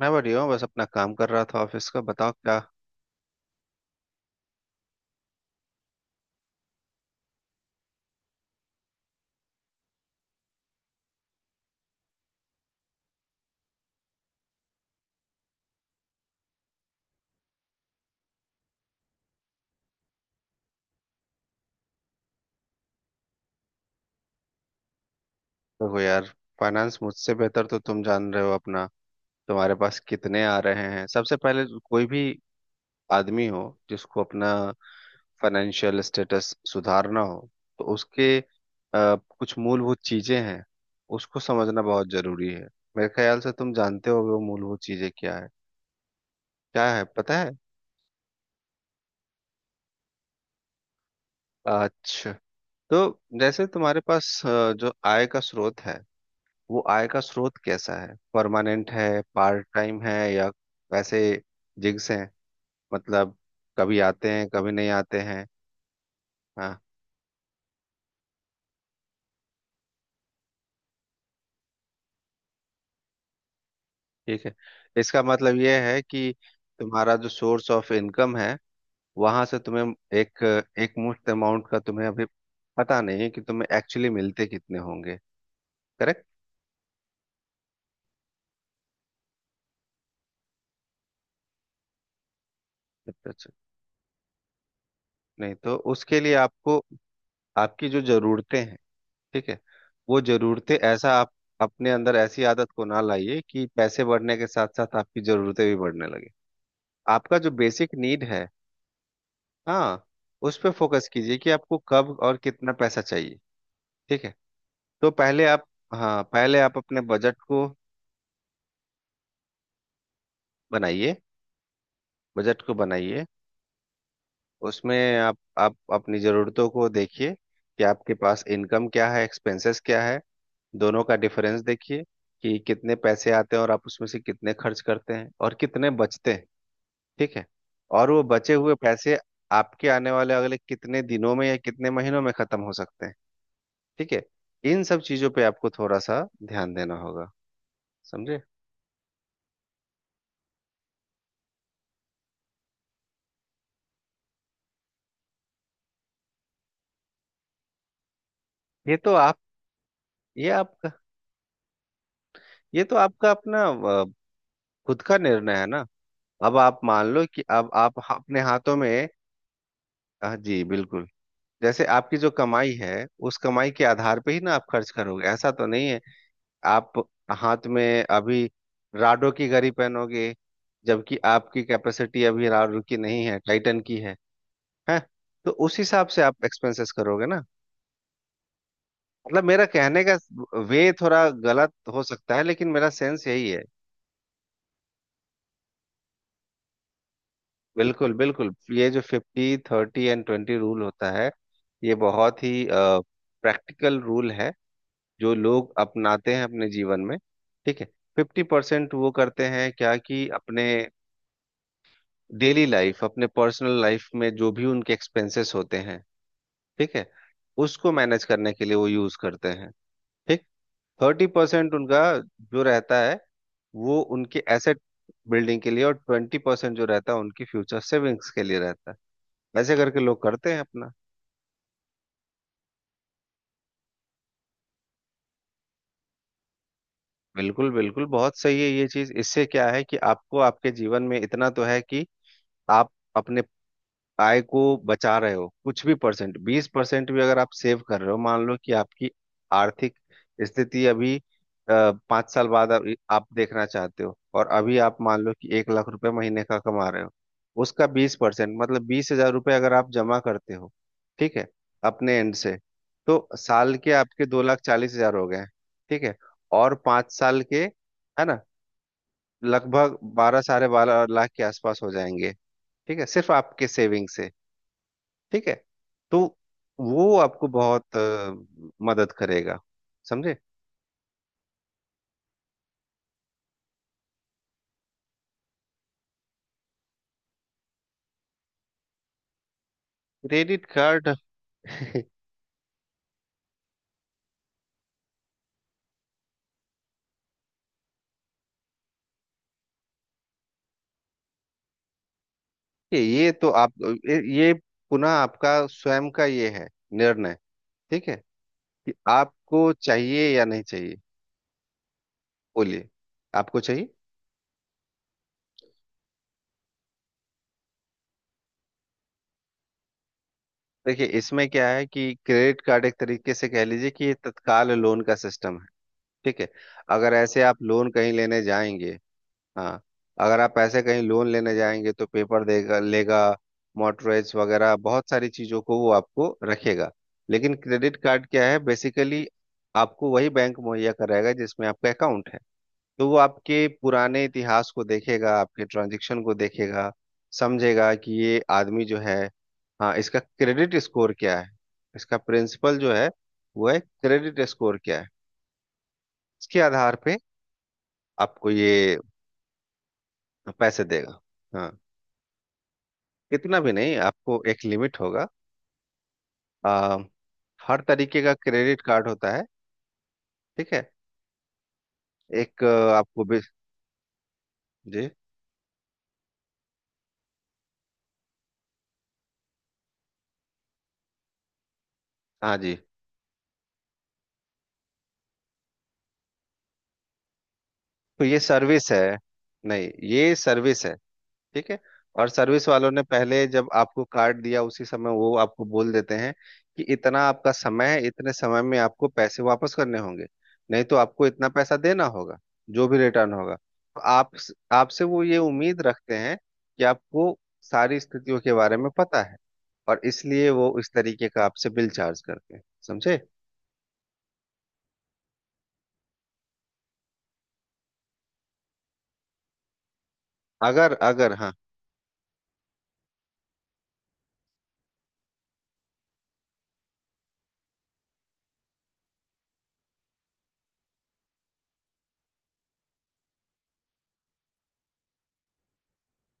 मैं बढ़िया हूँ। बस अपना काम कर रहा था ऑफिस का। बताओ क्या। देखो यार, फाइनेंस मुझसे बेहतर तो तुम जान रहे हो अपना। तुम्हारे पास कितने आ रहे हैं? सबसे पहले, कोई भी आदमी हो जिसको अपना फाइनेंशियल स्टेटस सुधारना हो, तो उसके कुछ मूलभूत चीजें हैं। उसको समझना बहुत जरूरी है। मेरे ख्याल से तुम जानते होगे वो मूलभूत चीजें क्या है। क्या है, पता है? अच्छा, तो जैसे तुम्हारे पास जो आय का स्रोत है, वो आय का स्रोत कैसा है? परमानेंट है, पार्ट टाइम है, या वैसे जिग्स हैं? मतलब कभी आते हैं कभी नहीं आते हैं। हाँ। ठीक है। इसका मतलब यह है कि तुम्हारा जो सोर्स ऑफ इनकम है, वहां से तुम्हें एक एक मुश्त अमाउंट का तुम्हें अभी पता नहीं है कि तुम्हें एक्चुअली मिलते कितने होंगे। करेक्ट। अच्छा अच्छा। नहीं, तो उसके लिए आपको, आपकी जो जरूरतें हैं, ठीक है, वो जरूरतें ऐसा, आप अपने अंदर ऐसी आदत को ना लाइए कि पैसे बढ़ने के साथ साथ आपकी जरूरतें भी बढ़ने लगे। आपका जो बेसिक नीड है, हाँ, उस पे फोकस कीजिए कि आपको कब और कितना पैसा चाहिए। ठीक है। तो पहले आप, हाँ, पहले आप अपने बजट को बनाइए। बजट को बनाइए। उसमें आप अपनी जरूरतों को देखिए कि आपके पास इनकम क्या है, एक्सपेंसेस क्या है। दोनों का डिफरेंस देखिए, कि कितने पैसे आते हैं और आप उसमें से कितने खर्च करते हैं और कितने बचते हैं। ठीक है। और वो बचे हुए पैसे आपके आने वाले अगले कितने दिनों में या कितने महीनों में खत्म हो सकते हैं। ठीक है। इन सब चीजों पे आपको थोड़ा सा ध्यान देना होगा, समझे। ये तो आप ये आपका ये तो आपका अपना अ, खुद का निर्णय है ना। अब आप मान लो कि अब आप अपने हाथों में, जी बिल्कुल। जैसे आपकी जो कमाई है, उस कमाई के आधार पे ही ना आप खर्च करोगे, ऐसा तो नहीं है। आप हाथ में अभी राडो की घड़ी पहनोगे जबकि आपकी कैपेसिटी अभी राडो की नहीं है, टाइटन की है। हैं? तो उस हिसाब से आप एक्सपेंसेस करोगे ना। मतलब मेरा कहने का, वे थोड़ा गलत हो सकता है लेकिन मेरा सेंस यही है। बिल्कुल बिल्कुल। ये जो fifty thirty and twenty rule होता है, ये बहुत ही प्रैक्टिकल रूल है जो लोग अपनाते हैं अपने जीवन में। ठीक है। 50% वो करते हैं क्या, कि अपने डेली लाइफ, अपने पर्सनल लाइफ में जो भी उनके एक्सपेंसेस होते हैं, ठीक है, उसको मैनेज करने के लिए वो यूज करते हैं। ठीक। 30% उनका जो रहता है, वो उनके एसेट बिल्डिंग के लिए, और 20% जो रहता है, उनकी फ्यूचर सेविंग्स के लिए रहता है। वैसे करके लोग करते हैं अपना। बिल्कुल बिल्कुल, बहुत सही है ये चीज। इससे क्या है कि आपको आपके जीवन में इतना तो है कि आप अपने आय को बचा रहे हो। कुछ भी परसेंट, 20% भी अगर आप सेव कर रहे हो, मान लो कि आपकी आर्थिक स्थिति अभी, 5 साल बाद आप देखना चाहते हो, और अभी आप मान लो कि 1 लाख रुपए महीने का कमा रहे हो, उसका 20%, मतलब 20 हजार रुपये अगर आप जमा करते हो, ठीक है, अपने एंड से, तो साल के आपके 2 लाख 40 हजार हो गए। ठीक है। और 5 साल के, है ना, लगभग बारह, साढ़े 12 लाख के आसपास हो जाएंगे। ठीक है, सिर्फ आपके सेविंग से। ठीक है। तो वो आपको बहुत मदद करेगा, समझे। Credit card. ये ये तो आप ये पुनः आपका स्वयं का ये है निर्णय। ठीक है, कि आपको चाहिए या नहीं चाहिए। बोलिए। आपको चाहिए। देखिए, इसमें क्या है कि क्रेडिट कार्ड एक तरीके से कह लीजिए कि ये तत्काल लोन का सिस्टम है। ठीक है। अगर ऐसे आप लोन कहीं लेने जाएंगे, हाँ, अगर आप पैसे कहीं लोन लेने जाएंगे तो पेपर देगा लेगा, मॉर्टगेज वगैरह बहुत सारी चीजों को वो आपको रखेगा। लेकिन क्रेडिट कार्ड क्या है बेसिकली, आपको वही बैंक मुहैया कराएगा जिसमें आपका अकाउंट है। तो वो आपके पुराने इतिहास को देखेगा, आपके ट्रांजेक्शन को देखेगा, समझेगा कि ये आदमी जो है, हाँ, इसका क्रेडिट स्कोर क्या है, इसका प्रिंसिपल जो है वो है, क्रेडिट स्कोर क्या है। इसके आधार पे आपको ये पैसे देगा। हाँ। इतना भी नहीं, आपको एक लिमिट होगा। आ, हर तरीके का क्रेडिट कार्ड होता है। ठीक है। एक आपको भी जी। हाँ जी। तो ये सर्विस है। नहीं, ये सर्विस है। ठीक है। और सर्विस वालों ने पहले जब आपको कार्ड दिया उसी समय वो आपको बोल देते हैं कि इतना आपका समय है, इतने समय में आपको पैसे वापस करने होंगे, नहीं तो आपको इतना पैसा देना होगा, जो भी रिटर्न होगा। तो आप, आपसे वो ये उम्मीद रखते हैं कि आपको सारी स्थितियों के बारे में पता है, और इसलिए वो इस तरीके का आपसे बिल चार्ज करते हैं, समझे। अगर अगर हाँ,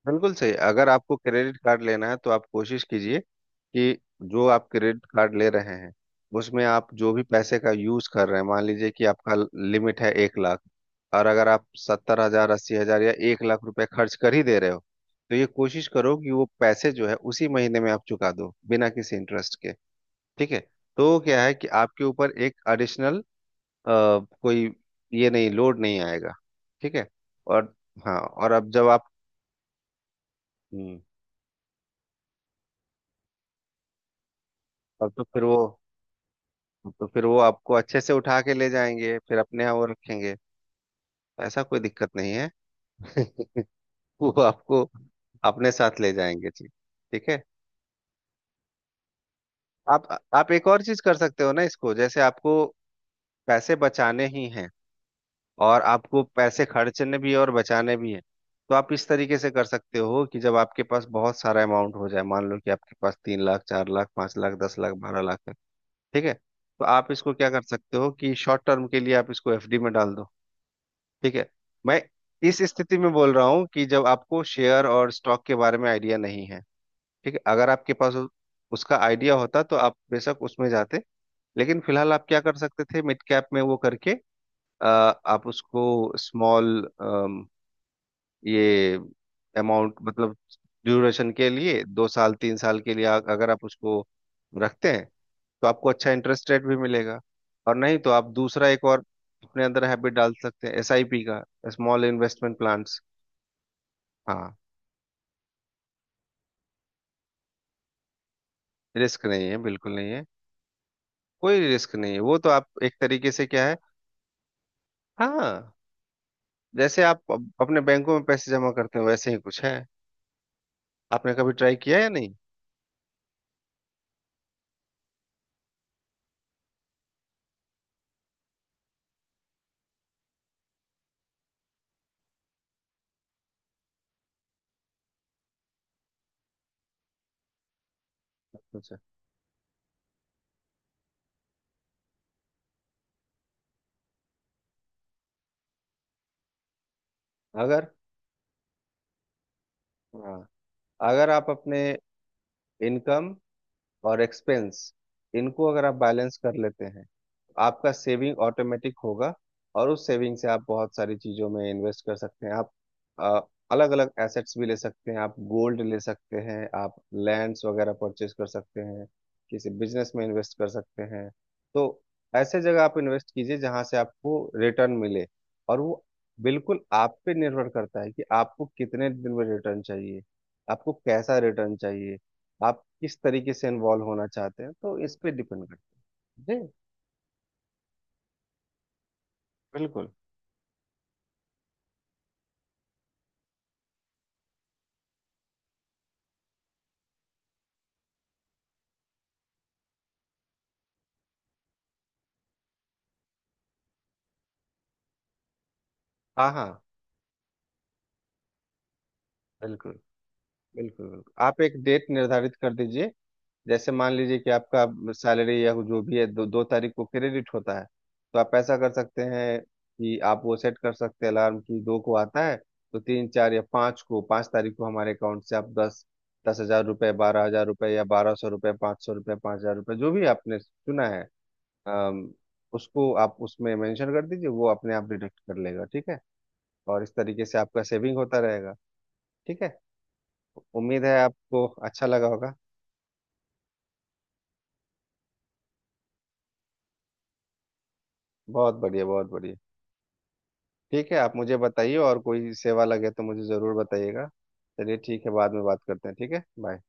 बिल्कुल सही। अगर आपको क्रेडिट कार्ड लेना है तो आप कोशिश कीजिए कि जो आप क्रेडिट कार्ड ले रहे हैं, उसमें आप जो भी पैसे का यूज कर रहे हैं, मान लीजिए कि आपका लिमिट है 1 लाख, और अगर आप 70 हजार, 80 हजार या 1 लाख रुपए खर्च कर ही दे रहे हो, तो ये कोशिश करो कि वो पैसे जो है उसी महीने में आप चुका दो, बिना किसी इंटरेस्ट के। ठीक है। तो क्या है कि आपके ऊपर एक एडिशनल कोई ये नहीं, लोड नहीं आएगा। ठीक है। और, हाँ, और अब जब आप, हम्म। तब तो फिर वो आपको अच्छे से उठा के ले जाएंगे, फिर अपने यहाँ वो रखेंगे। ऐसा, कोई दिक्कत नहीं है। वो आपको अपने साथ ले जाएंगे जी। ठीक है। आप आप एक और चीज कर सकते हो ना, इसको, जैसे आपको पैसे बचाने ही हैं, और आपको पैसे खर्चने भी है और बचाने भी है। तो आप इस तरीके से कर सकते हो कि जब आपके पास बहुत सारा अमाउंट हो जाए, मान लो कि आपके पास 3 लाख, 4 लाख, 5 लाख, 10 लाख, 12 लाख है, ठीक है, तो आप इसको क्या कर सकते हो कि शॉर्ट टर्म के लिए आप इसको एफडी में डाल दो। ठीक है। मैं इस स्थिति में बोल रहा हूँ कि जब आपको शेयर और स्टॉक के बारे में आइडिया नहीं है। ठीक है। अगर आपके पास उसका आइडिया होता तो आप बेशक उसमें जाते, लेकिन फिलहाल आप क्या कर सकते थे, मिड कैप में वो करके, अ, आप उसको स्मॉल, ये अमाउंट मतलब ड्यूरेशन के लिए, 2 साल 3 साल के लिए अगर आप उसको रखते हैं, तो आपको अच्छा इंटरेस्ट रेट भी मिलेगा। और नहीं तो आप दूसरा एक और अपने अंदर हैबिट डाल सकते हैं एसआईपी का, स्मॉल इन्वेस्टमेंट प्लान्स। हाँ। रिस्क नहीं है, बिल्कुल नहीं है। कोई रिस्क नहीं है। वो तो आप एक तरीके से क्या है, हाँ, जैसे आप अपने बैंकों में पैसे जमा करते हो वैसे ही कुछ है। आपने कभी ट्राई किया या नहीं? अच्छा। अगर, हाँ, अगर आप अपने इनकम और एक्सपेंस, इनको अगर आप बैलेंस कर लेते हैं, आपका सेविंग ऑटोमेटिक होगा। और उस सेविंग से आप बहुत सारी चीज़ों में इन्वेस्ट कर सकते हैं। आप अलग अलग एसेट्स भी ले सकते हैं, आप गोल्ड ले सकते हैं, आप लैंड्स वगैरह परचेज कर सकते हैं, किसी बिजनेस में इन्वेस्ट कर सकते हैं। तो ऐसे जगह आप इन्वेस्ट कीजिए जहां से आपको रिटर्न मिले, और वो बिल्कुल आप पे निर्भर करता है कि आपको कितने दिन में रिटर्न चाहिए, आपको कैसा रिटर्न चाहिए, आप किस तरीके से इन्वॉल्व होना चाहते हैं, तो इस पे डिपेंड करता है जी। बिल्कुल। हाँ हाँ, बिल्कुल बिल्कुल बिल्कुल। आप एक डेट निर्धारित कर दीजिए। जैसे मान लीजिए कि आपका सैलरी या जो भी है दो दो तारीख को क्रेडिट होता है, तो आप ऐसा कर सकते हैं कि आप वो सेट कर सकते हैं अलार्म की दो को आता है, तो तीन, चार या पाँच को, पाँच तारीख को हमारे अकाउंट से आप दस दस हजार रुपये, 12 हजार रुपये, या 1200 रुपये, 500 रुपये, 5 हजार रुपये, जो भी आपने चुना है, अम, उसको आप उसमें मेंशन कर दीजिए, वो अपने आप डिडक्ट कर लेगा। ठीक है। और इस तरीके से आपका सेविंग होता रहेगा। ठीक है। उम्मीद है आपको अच्छा लगा होगा। बहुत बढ़िया, बहुत बढ़िया। ठीक है, आप मुझे बताइए, और कोई सेवा लगे तो मुझे ज़रूर बताइएगा। चलिए, ठीक है, बाद में बात करते हैं। ठीक है, बाय।